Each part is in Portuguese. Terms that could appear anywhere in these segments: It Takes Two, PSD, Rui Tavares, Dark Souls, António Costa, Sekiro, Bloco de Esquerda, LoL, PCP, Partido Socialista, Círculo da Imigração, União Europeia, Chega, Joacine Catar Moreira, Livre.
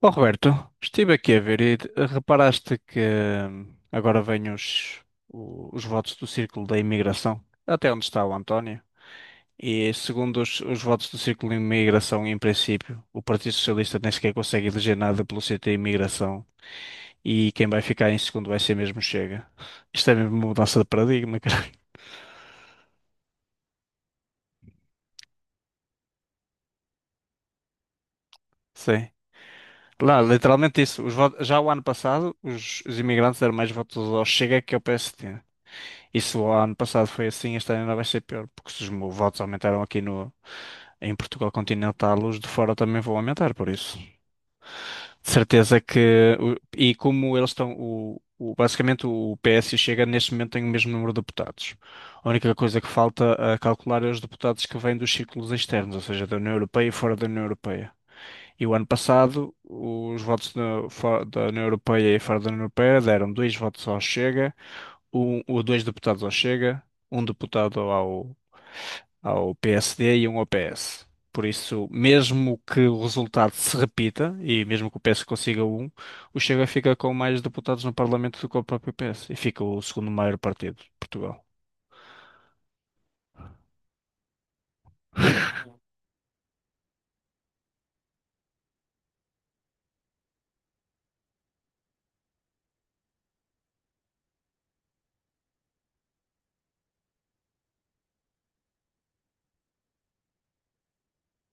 Oh, Roberto, estive aqui a ver e reparaste que agora vêm os votos do Círculo da Imigração, até onde está o António. E segundo os votos do Círculo de Imigração, em princípio, o Partido Socialista nem sequer consegue eleger nada pelo CT Imigração e quem vai ficar em segundo vai ser mesmo o Chega. Isto é mesmo uma mudança de paradigma, caralho. Sim. Lá, literalmente isso. Já o ano passado, os imigrantes deram mais votos ao Chega que ao PSD. Isso o ano passado foi assim, este ano ainda vai ser pior, porque se votos aumentaram aqui no, em Portugal continental, os de fora também vão aumentar, por isso. De certeza que. E como eles estão. Basicamente, o PS e o Chega neste momento têm o mesmo número de deputados. A única coisa que falta a calcular é os deputados que vêm dos círculos externos, ou seja, da União Europeia e fora da União Europeia. E o ano passado, fora da União Europeia e fora da União Europeia deram dois votos ao Chega, um ou dois deputados ao Chega, um deputado ao PSD e um ao PS. Por isso, mesmo que o resultado se repita, e mesmo que o PS consiga um, o Chega fica com mais deputados no Parlamento do que o próprio PS. E fica o segundo maior partido de Portugal.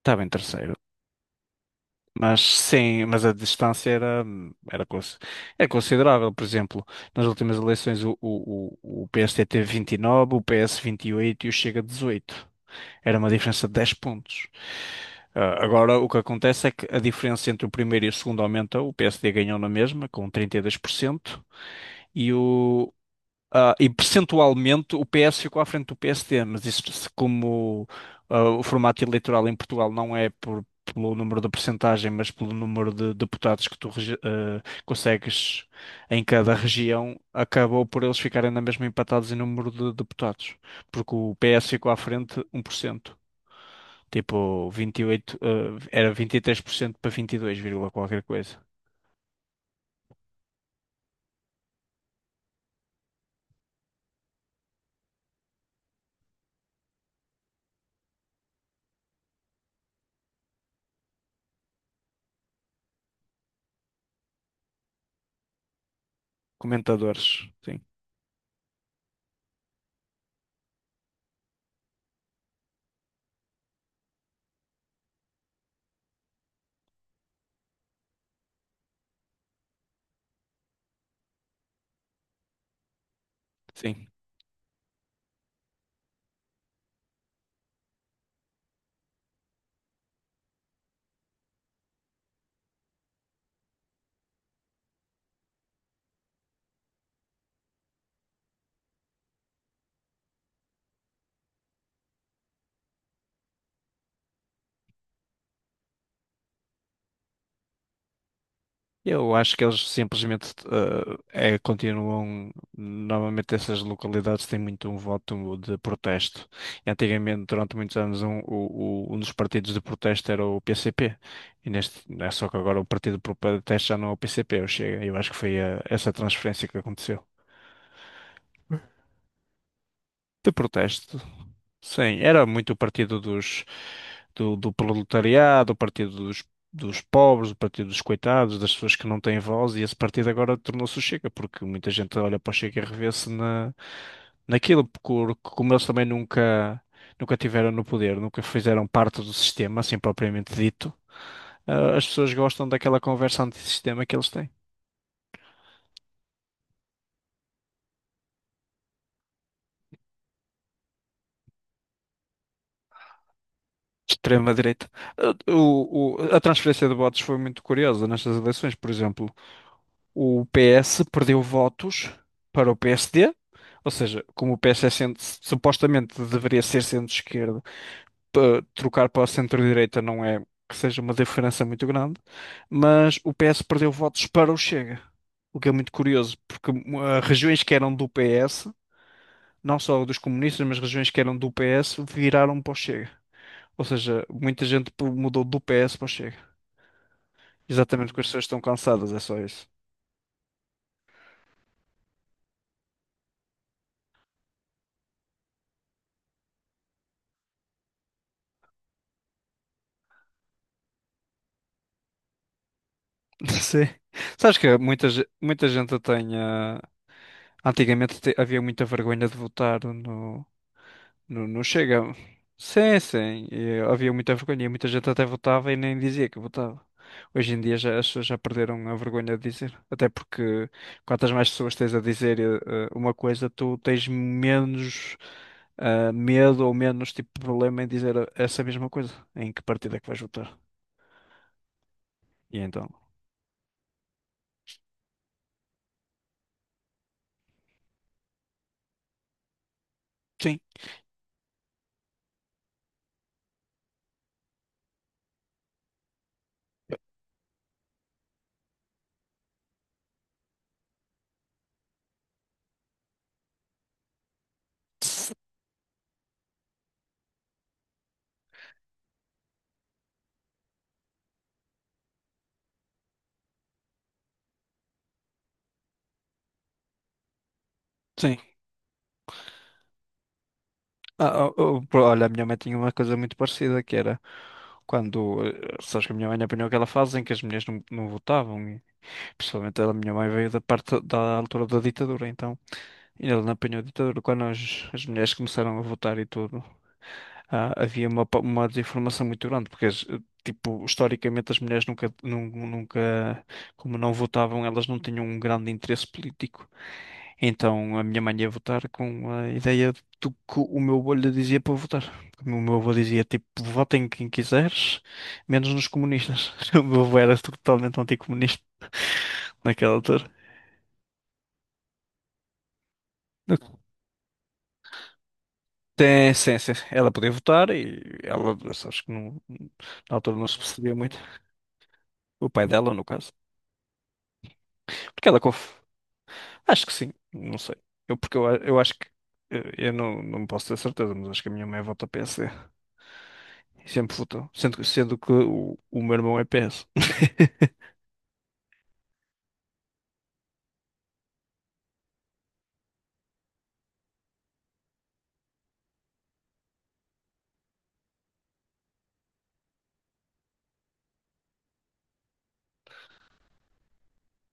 Estava em terceiro. Mas sim, mas a distância era, cons- era considerável. Por exemplo, nas últimas eleições o PSD teve 29, o PS 28 e oito e o Chega 18. Era uma diferença de 10 pontos. Agora, o que acontece é que a diferença entre o primeiro e o segundo aumenta. O PSD ganhou na mesma, com 32%, e, o, e percentualmente o PS ficou à frente do PSD. Mas isso, como o formato eleitoral em Portugal não é por, pelo número da percentagem, mas pelo número de deputados que tu consegues em cada região, acabou por eles ficarem na mesma empatados em número de deputados, porque o PS ficou à frente 1%. Tipo, 28, era 23% para 22 vírgula qualquer coisa. Comentadores, sim, sim. Eu acho que eles simplesmente continuam. Normalmente, essas localidades têm muito um voto de protesto. Antigamente, durante muitos anos, um dos partidos de protesto era o PCP. E neste, é só que agora o partido de protesto já não é o PCP, é o Chega. Eu acho que foi essa transferência que aconteceu. De protesto. Sim, era muito o partido dos, do proletariado, o partido dos, dos pobres, o partido dos coitados, das pessoas que não têm voz, e esse partido agora tornou-se o Chega, porque muita gente olha para o Chega e revê-se na, naquilo, porque como eles também nunca, nunca tiveram no poder, nunca fizeram parte do sistema, assim propriamente dito, as pessoas gostam daquela conversa antissistema que eles têm. Extrema-direita. A transferência de votos foi muito curiosa nestas eleições. Por exemplo, o PS perdeu votos para o PSD, ou seja, como o PS é centro, supostamente deveria ser centro-esquerda, trocar para a centro-direita não é que seja uma diferença muito grande, mas o PS perdeu votos para o Chega, o que é muito curioso, porque regiões que eram do PS, não só dos comunistas, mas regiões que eram do PS, viraram para o Chega. Ou seja, muita gente mudou do PS para o Chega. Exatamente porque as pessoas estão cansadas, é só isso. Sim. Sabes que muita gente tem. Antigamente havia muita vergonha de votar no. Não, não chega. Sim, sim. E havia muita vergonha. E muita gente até votava e nem dizia que votava. Hoje em dia já, as pessoas já perderam a vergonha de dizer. Até porque quantas mais pessoas tens a dizer uma coisa, tu tens menos medo ou menos tipo de problema em dizer essa mesma coisa. Em que partida é que vais votar? E então. Sim. Sim. Olha, a minha mãe tinha uma coisa muito parecida que era sabes que a minha mãe apanhou aquela fase em que as mulheres não votavam. Principalmente a minha mãe veio da parte da altura da ditadura, então ainda não apanhou a ditadura. Quando as mulheres começaram a votar e tudo, havia uma desinformação muito grande, porque tipo, historicamente as mulheres nunca, como não votavam, elas não tinham um grande interesse político. Então a minha mãe ia votar com a ideia do que o meu avô lhe dizia para votar. Como o meu avô dizia, tipo, votem em quem quiseres, menos nos comunistas. O meu avô era totalmente anticomunista naquela altura. Tem, sim, sim. Ela podia votar e ela, acho que não, na altura não se percebia muito. O pai dela, no caso. Porque ela conf. Acho que sim, não sei. Eu, porque eu, eu acho que. Eu, não posso ter certeza, mas acho que a minha mãe vota PSD. E sempre votou. Sendo que o meu irmão é PS.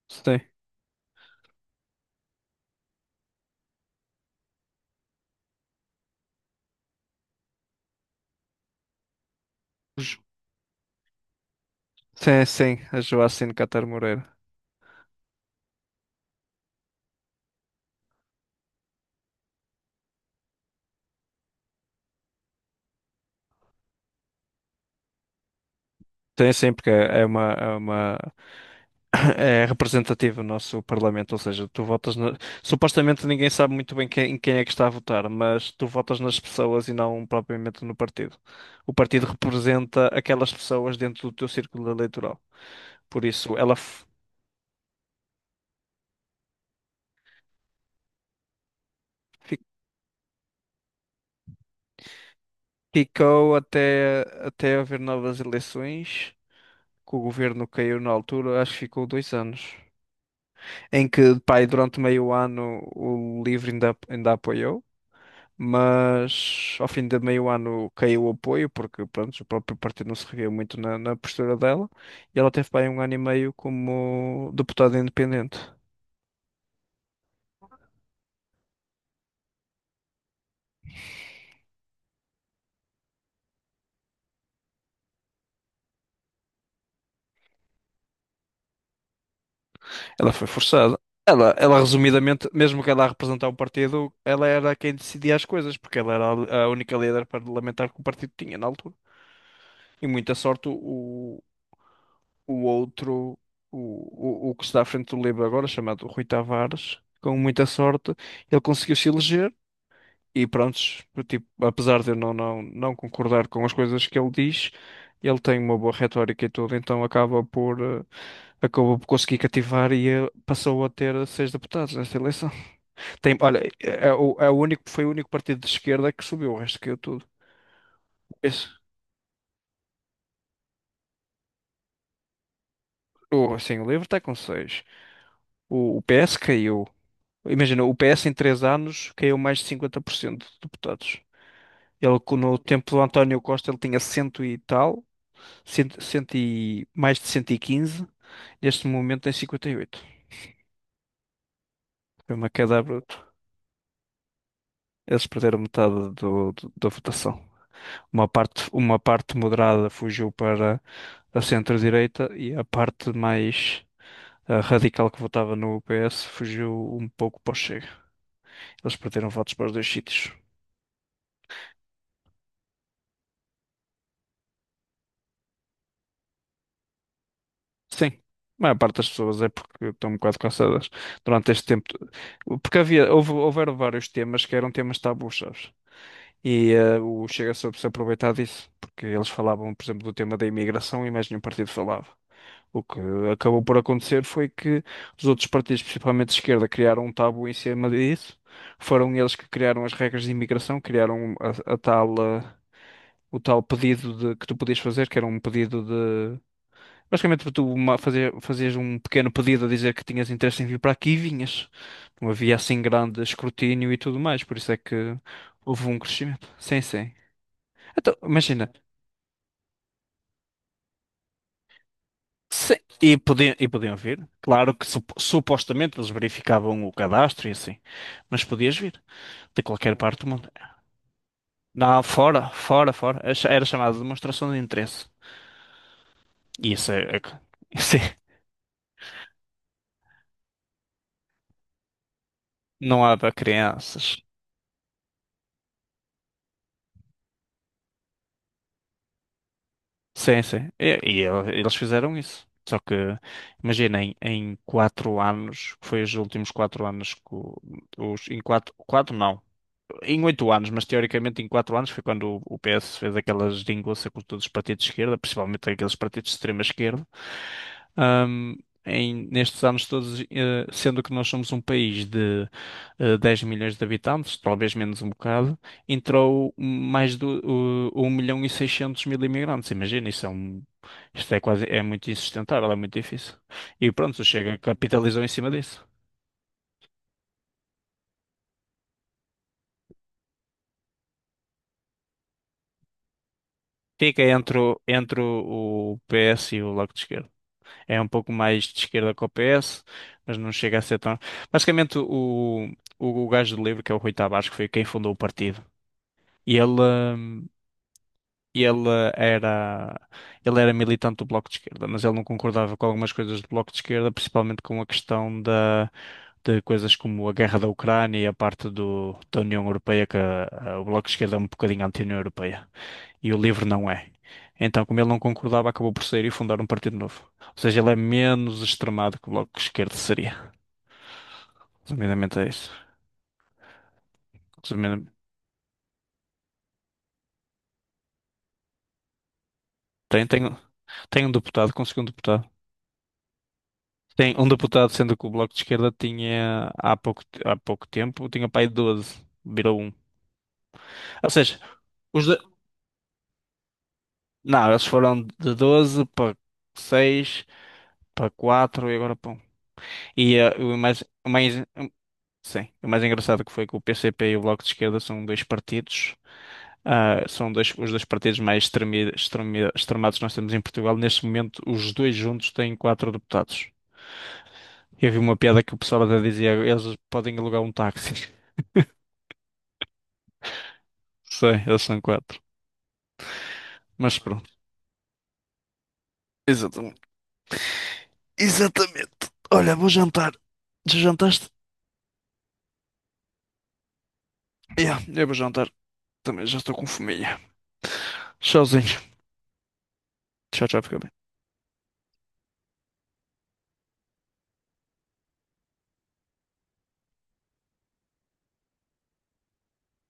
Sim. Ju- sim, sim. A Joacine Catar Moreira. Sim, sim, porque é uma, é uma é representativo o nosso Parlamento, ou seja, tu votas na. Supostamente ninguém sabe muito bem quem, em quem é que está a votar, mas tu votas nas pessoas e não propriamente no partido. O partido representa aquelas pessoas dentro do teu círculo eleitoral. Por isso, fi- ficou até haver novas eleições, que o governo caiu na altura, acho que ficou 2 anos, em que, pá, e durante meio ano o Livre ainda apoiou. Mas ao fim de meio ano caiu o apoio, porque pronto, o próprio partido não se reviu muito na, na postura dela, e ela teve bem 1 ano e meio como deputada independente. Ela foi forçada. Resumidamente, mesmo que ela a representar o partido, ela era quem decidia as coisas, porque ela era a única líder parlamentar que o partido tinha na altura. E muita sorte o outro, o que está à frente do Livre agora, chamado Rui Tavares, com muita sorte, ele conseguiu se eleger. E prontos, tipo, apesar de eu não concordar com as coisas que ele diz, ele tem uma boa retórica e tudo, então acaba por, acabou por conseguir cativar e passou a ter seis deputados nesta eleição. Tem, olha, é, é o, é o único, foi o único partido de esquerda que subiu, o resto caiu tudo. Esse, o, assim, o LIVRE está com seis. O PS caiu. Imagina, o PS em 3 anos caiu mais de 50% de deputados. Ele, no tempo do António Costa, ele tinha cento e tal. Cento, cento e, mais de 115, neste momento tem 58. Foi uma queda bruta. Eles perderam metade da votação. Uma parte moderada fugiu para a centro-direita e a parte mais radical que votava no PS fugiu um pouco para o Chega. Eles perderam votos para os dois sítios. Sim, a maior parte das pessoas é porque estão um bocado cansadas durante este tempo. Porque havia, houve, houveram vários temas que eram temas tabus, sabes? E o Chega soube se aproveitar disso, porque eles falavam, por exemplo, do tema da imigração e mais nenhum partido falava. O que acabou por acontecer foi que os outros partidos, principalmente de esquerda, criaram um tabu em cima disso. Foram eles que criaram as regras de imigração, criaram a tal, o tal pedido de, que tu podias fazer, que era um pedido de. Basicamente, tu fazer, fazias um pequeno pedido a dizer que tinhas interesse em vir para aqui e vinhas. Não havia assim grande escrutínio e tudo mais, por isso é que houve um crescimento. Sim, sim. Então, imagina, e podiam, podiam vir. Claro que supostamente eles verificavam o cadastro e assim, mas podias vir de qualquer parte do mundo. Não, fora, fora, fora. Era era chamada de demonstração de interesse. E isso é, é que. Isso é, não há para crianças. Sim, sim. E, eles fizeram isso. Só que, imaginem, em 4 anos, foi os últimos 4 anos que em quatro, quatro não. Em 8 anos, mas teoricamente em 4 anos foi quando o PS fez aquelas geringonça com todos os partidos de esquerda, principalmente aqueles partidos de extrema esquerda. Ahm, Em, nestes anos todos, sendo que nós somos um país de 10 milhões de habitantes, talvez menos um bocado, entrou mais de 1 milhão e seiscentos mil imigrantes. Imagina, isso é um, isto é quase, é muito insustentável, é muito difícil. E pronto, o Chega capitalizou em cima disso. Fica entre, entre o PS e o Bloco de Esquerda. É um pouco mais de esquerda que o PS, mas não chega a ser tão. Basicamente, o gajo do livre que é o Rui Tavares, que foi quem fundou o partido, e ele era, ele era militante do Bloco de Esquerda, mas ele não concordava com algumas coisas do Bloco de Esquerda, principalmente com a questão da, de coisas como a guerra da Ucrânia e a parte do, da União Europeia, que o Bloco de Esquerda é um bocadinho anti-União Europeia. E o livre não é. Então, como ele não concordava, acabou por sair e fundar um partido novo. Ou seja, ele é menos extremado que o Bloco de Esquerda seria. Resumidamente é isso. Resumidamente, tem, tem, tem um deputado, conseguiu um deputado. Tem um deputado, sendo que o Bloco de Esquerda tinha, há pouco tempo, tinha pai de 12, virou um. Ou seja, os do- não, eles foram de 12 para 6 para 4 e agora para 1. E o mais, o mais. Sim, o mais engraçado que foi que o PCP e o Bloco de Esquerda são dois partidos. Ah, são dois, os dois partidos mais extremados que nós temos em Portugal. Neste momento, os dois juntos têm quatro deputados. Eu vi uma piada que o pessoal até dizia: eles podem alugar um táxi. Sei, eles são quatro. Mas pronto. Exatamente. Exatamente. Olha, vou jantar. Já jantaste? Yeah, eu vou jantar. Também já estou com fominha. Tchauzinho. Tchau, tchau, fica bem.